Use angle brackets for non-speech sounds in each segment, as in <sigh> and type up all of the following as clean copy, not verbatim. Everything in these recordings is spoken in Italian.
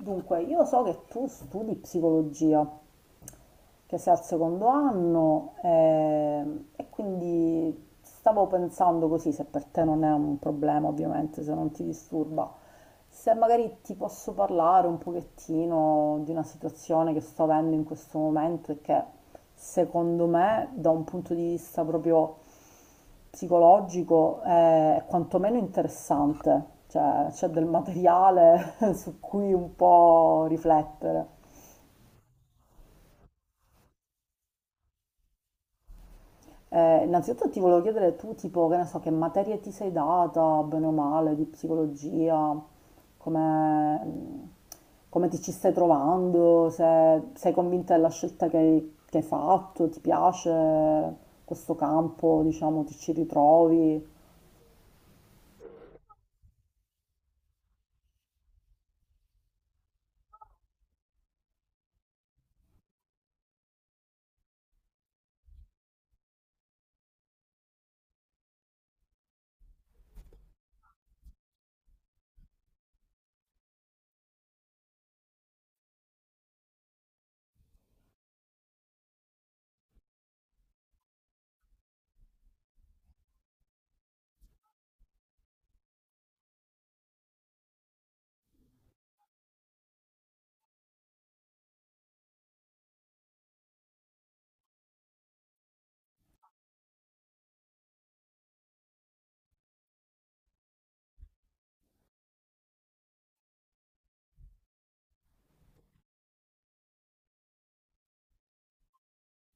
Dunque, io so che tu studi psicologia che sei al secondo anno e quindi stavo pensando così, se per te non è un problema ovviamente, se non ti disturba, se magari ti posso parlare un pochettino di una situazione che sto avendo in questo momento e che secondo me da un punto di vista proprio psicologico è quantomeno interessante, cioè c'è del materiale <laughs> su cui un po' riflettere. Innanzitutto ti volevo chiedere tu, tipo, che ne so, che materie ti sei data, bene o male, di psicologia, come, come ti ci stai trovando, se sei convinta della scelta che hai fatto, ti piace questo campo, diciamo, ti ci ritrovi.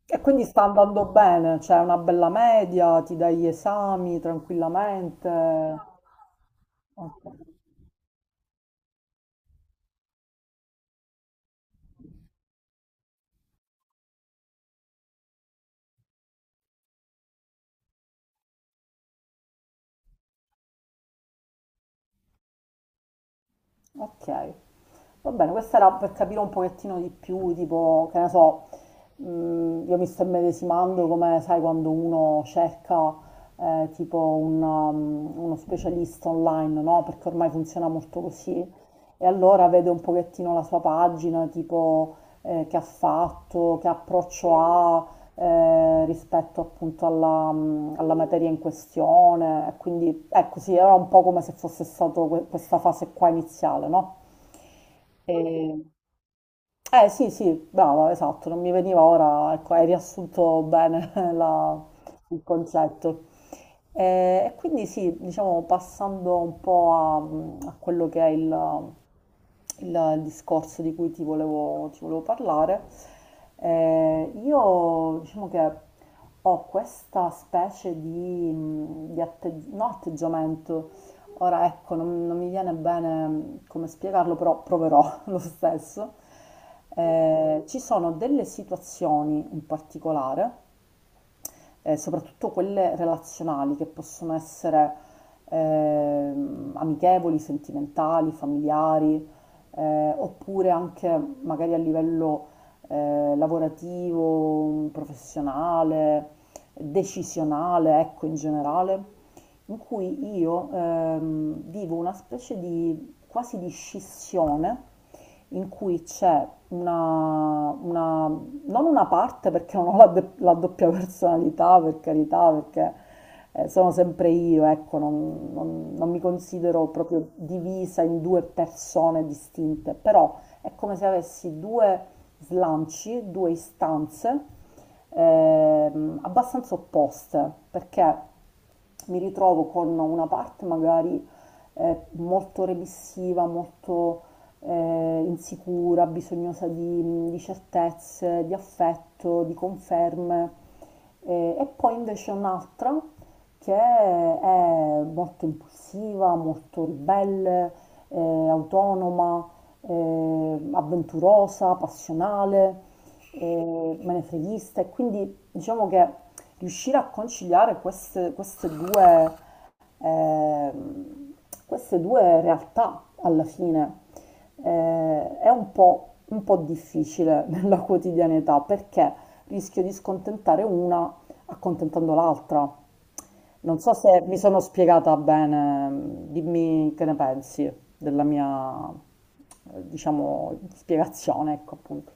E quindi sta andando bene, c'è una bella media, ti dai gli esami tranquillamente. Ok, ok. Va bene, questa era per capire un pochettino di più, tipo, che ne so, io mi sto immedesimando come, sai, quando uno cerca uno specialista online, no? Perché ormai funziona molto così. E allora vede un pochettino la sua pagina, tipo, che ha fatto, che approccio ha rispetto appunto alla, alla materia in questione. E quindi, ecco, sì, era un po' come se fosse stato questa fase qua iniziale, no? E- sì, sì, brava, esatto, non mi veniva ora, ecco, hai riassunto bene <laughs> il concetto. E quindi sì, diciamo passando un po' a quello che è il discorso di cui ti volevo parlare. Io diciamo che ho questa specie di, atteggiamento. Ora ecco, non mi viene bene mm, come spiegarlo, però proverò <laughs> lo stesso. Ci sono delle situazioni in particolare soprattutto quelle relazionali che possono essere amichevoli, sentimentali, familiari, oppure anche magari a livello lavorativo, professionale, decisionale, ecco in generale, in cui io vivo una specie di quasi di scissione in cui c'è non una parte perché non ho la doppia personalità, per carità, perché sono sempre io, ecco, non mi considero proprio divisa in due persone distinte, però è come se avessi due slanci, due istanze abbastanza opposte, perché mi ritrovo con una parte magari molto remissiva, molto insicura, bisognosa di certezze, di affetto, di conferme, e poi invece un'altra che è molto impulsiva, molto ribelle, eh, autonoma, avventurosa, passionale, menefreghista. E quindi diciamo che riuscire a conciliare queste due, eh, queste due realtà alla fine è un po' difficile <laughs> nella quotidianità perché rischio di scontentare una accontentando l'altra. Non so se mi sono spiegata bene, dimmi che ne pensi della mia, diciamo, spiegazione, ecco appunto.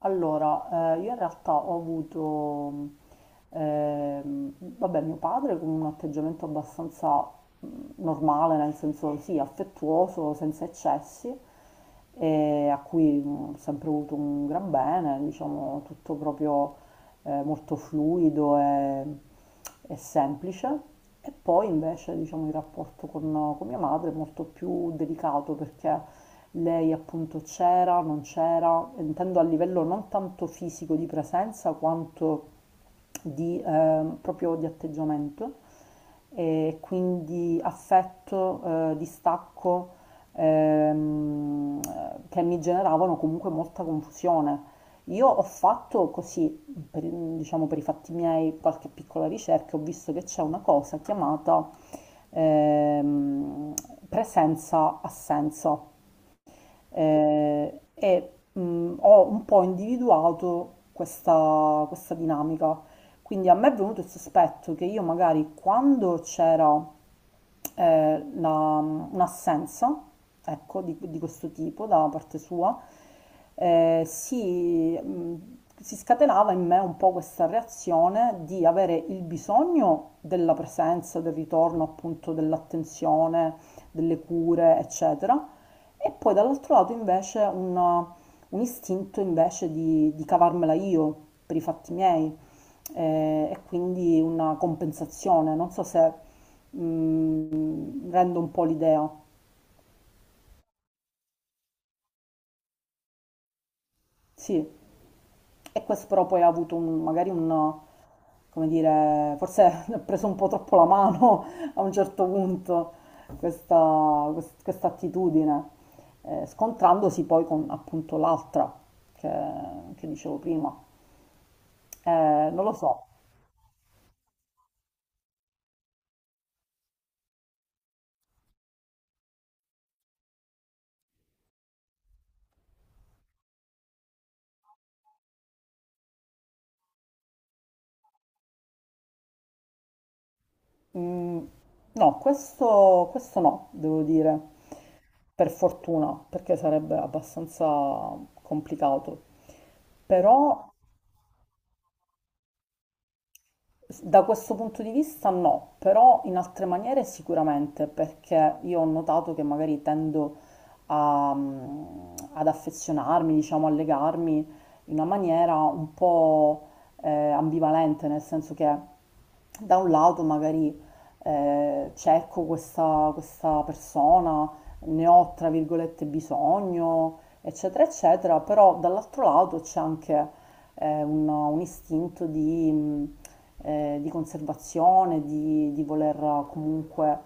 Allora, io in realtà ho avuto, vabbè, mio padre con un atteggiamento abbastanza mh, normale, nel senso sì, affettuoso, senza eccessi, e a cui ho sempre avuto un gran bene, diciamo, tutto proprio molto fluido e semplice. E poi invece, diciamo, il rapporto con mia madre è molto più delicato perché lei appunto c'era, non c'era, intendo a livello non tanto fisico di presenza quanto di, proprio di atteggiamento e quindi affetto, distacco ehm, che mi generavano comunque molta confusione. Io ho fatto così, per, diciamo per i fatti miei, qualche piccola ricerca, ho visto che c'è una cosa chiamata ehm, presenza-assenza e ho un po' individuato questa, questa dinamica. Quindi a me è venuto il sospetto che io magari quando c'era un'assenza, ecco, di questo tipo da parte sua, eh, si, mh, si scatenava in me un po' questa reazione di avere il bisogno della presenza, del ritorno appunto dell'attenzione, delle cure, eccetera, e poi dall'altro lato invece un istinto invece di cavarmela io per i fatti miei e quindi una compensazione, non so se mm, rendo un po' l'idea, sì, e questo però poi ha avuto magari come dire, forse <laughs> ho preso un po' troppo la mano <laughs> a un certo punto questa, questa attitudine, scontrandosi poi con appunto l'altra che che dicevo prima. Non lo so. Mm, no, questo no, devo dire, per fortuna, perché sarebbe abbastanza complicato. Però da questo punto di vista no, però in altre maniere sicuramente, perché io ho notato che magari tendo a, mm, ad affezionarmi, diciamo, a legarmi in una maniera un po' ambivalente, nel senso che da un lato magari cerco questa, questa persona, ne ho tra virgolette bisogno, eccetera, eccetera, però dall'altro lato c'è anche un istinto di conservazione, di voler comunque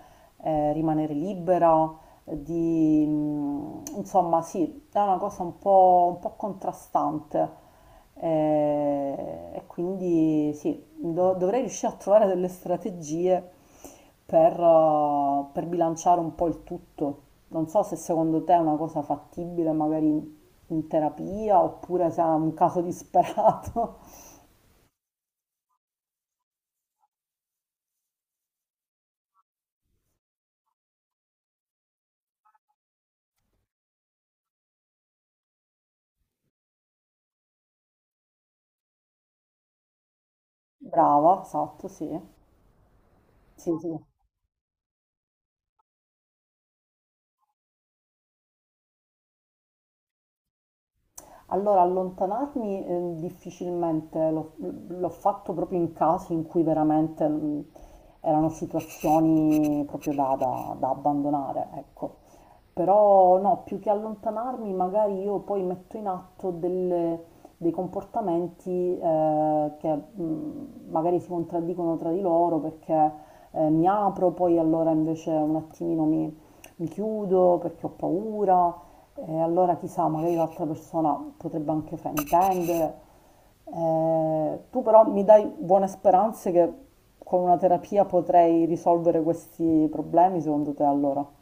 rimanere libera, di insomma sì, è una cosa un po' contrastante. E quindi sì, dovrei riuscire a trovare delle strategie per bilanciare un po' il tutto. Non so se secondo te è una cosa fattibile, magari in, in terapia, oppure se è un caso disperato. <laughs> Brava, esatto, sì. Sì, sì. Allora, allontanarmi difficilmente l'ho fatto proprio in casi in cui veramente erano situazioni proprio da, da abbandonare, ecco. Però no, più che allontanarmi, magari io poi metto in atto dei comportamenti che magari si contraddicono tra di loro perché mi apro, poi allora invece un attimino mi chiudo perché ho paura, e allora chissà, magari l'altra persona potrebbe anche fraintendere. Tu però mi dai buone speranze che con una terapia potrei risolvere questi problemi, secondo te allora?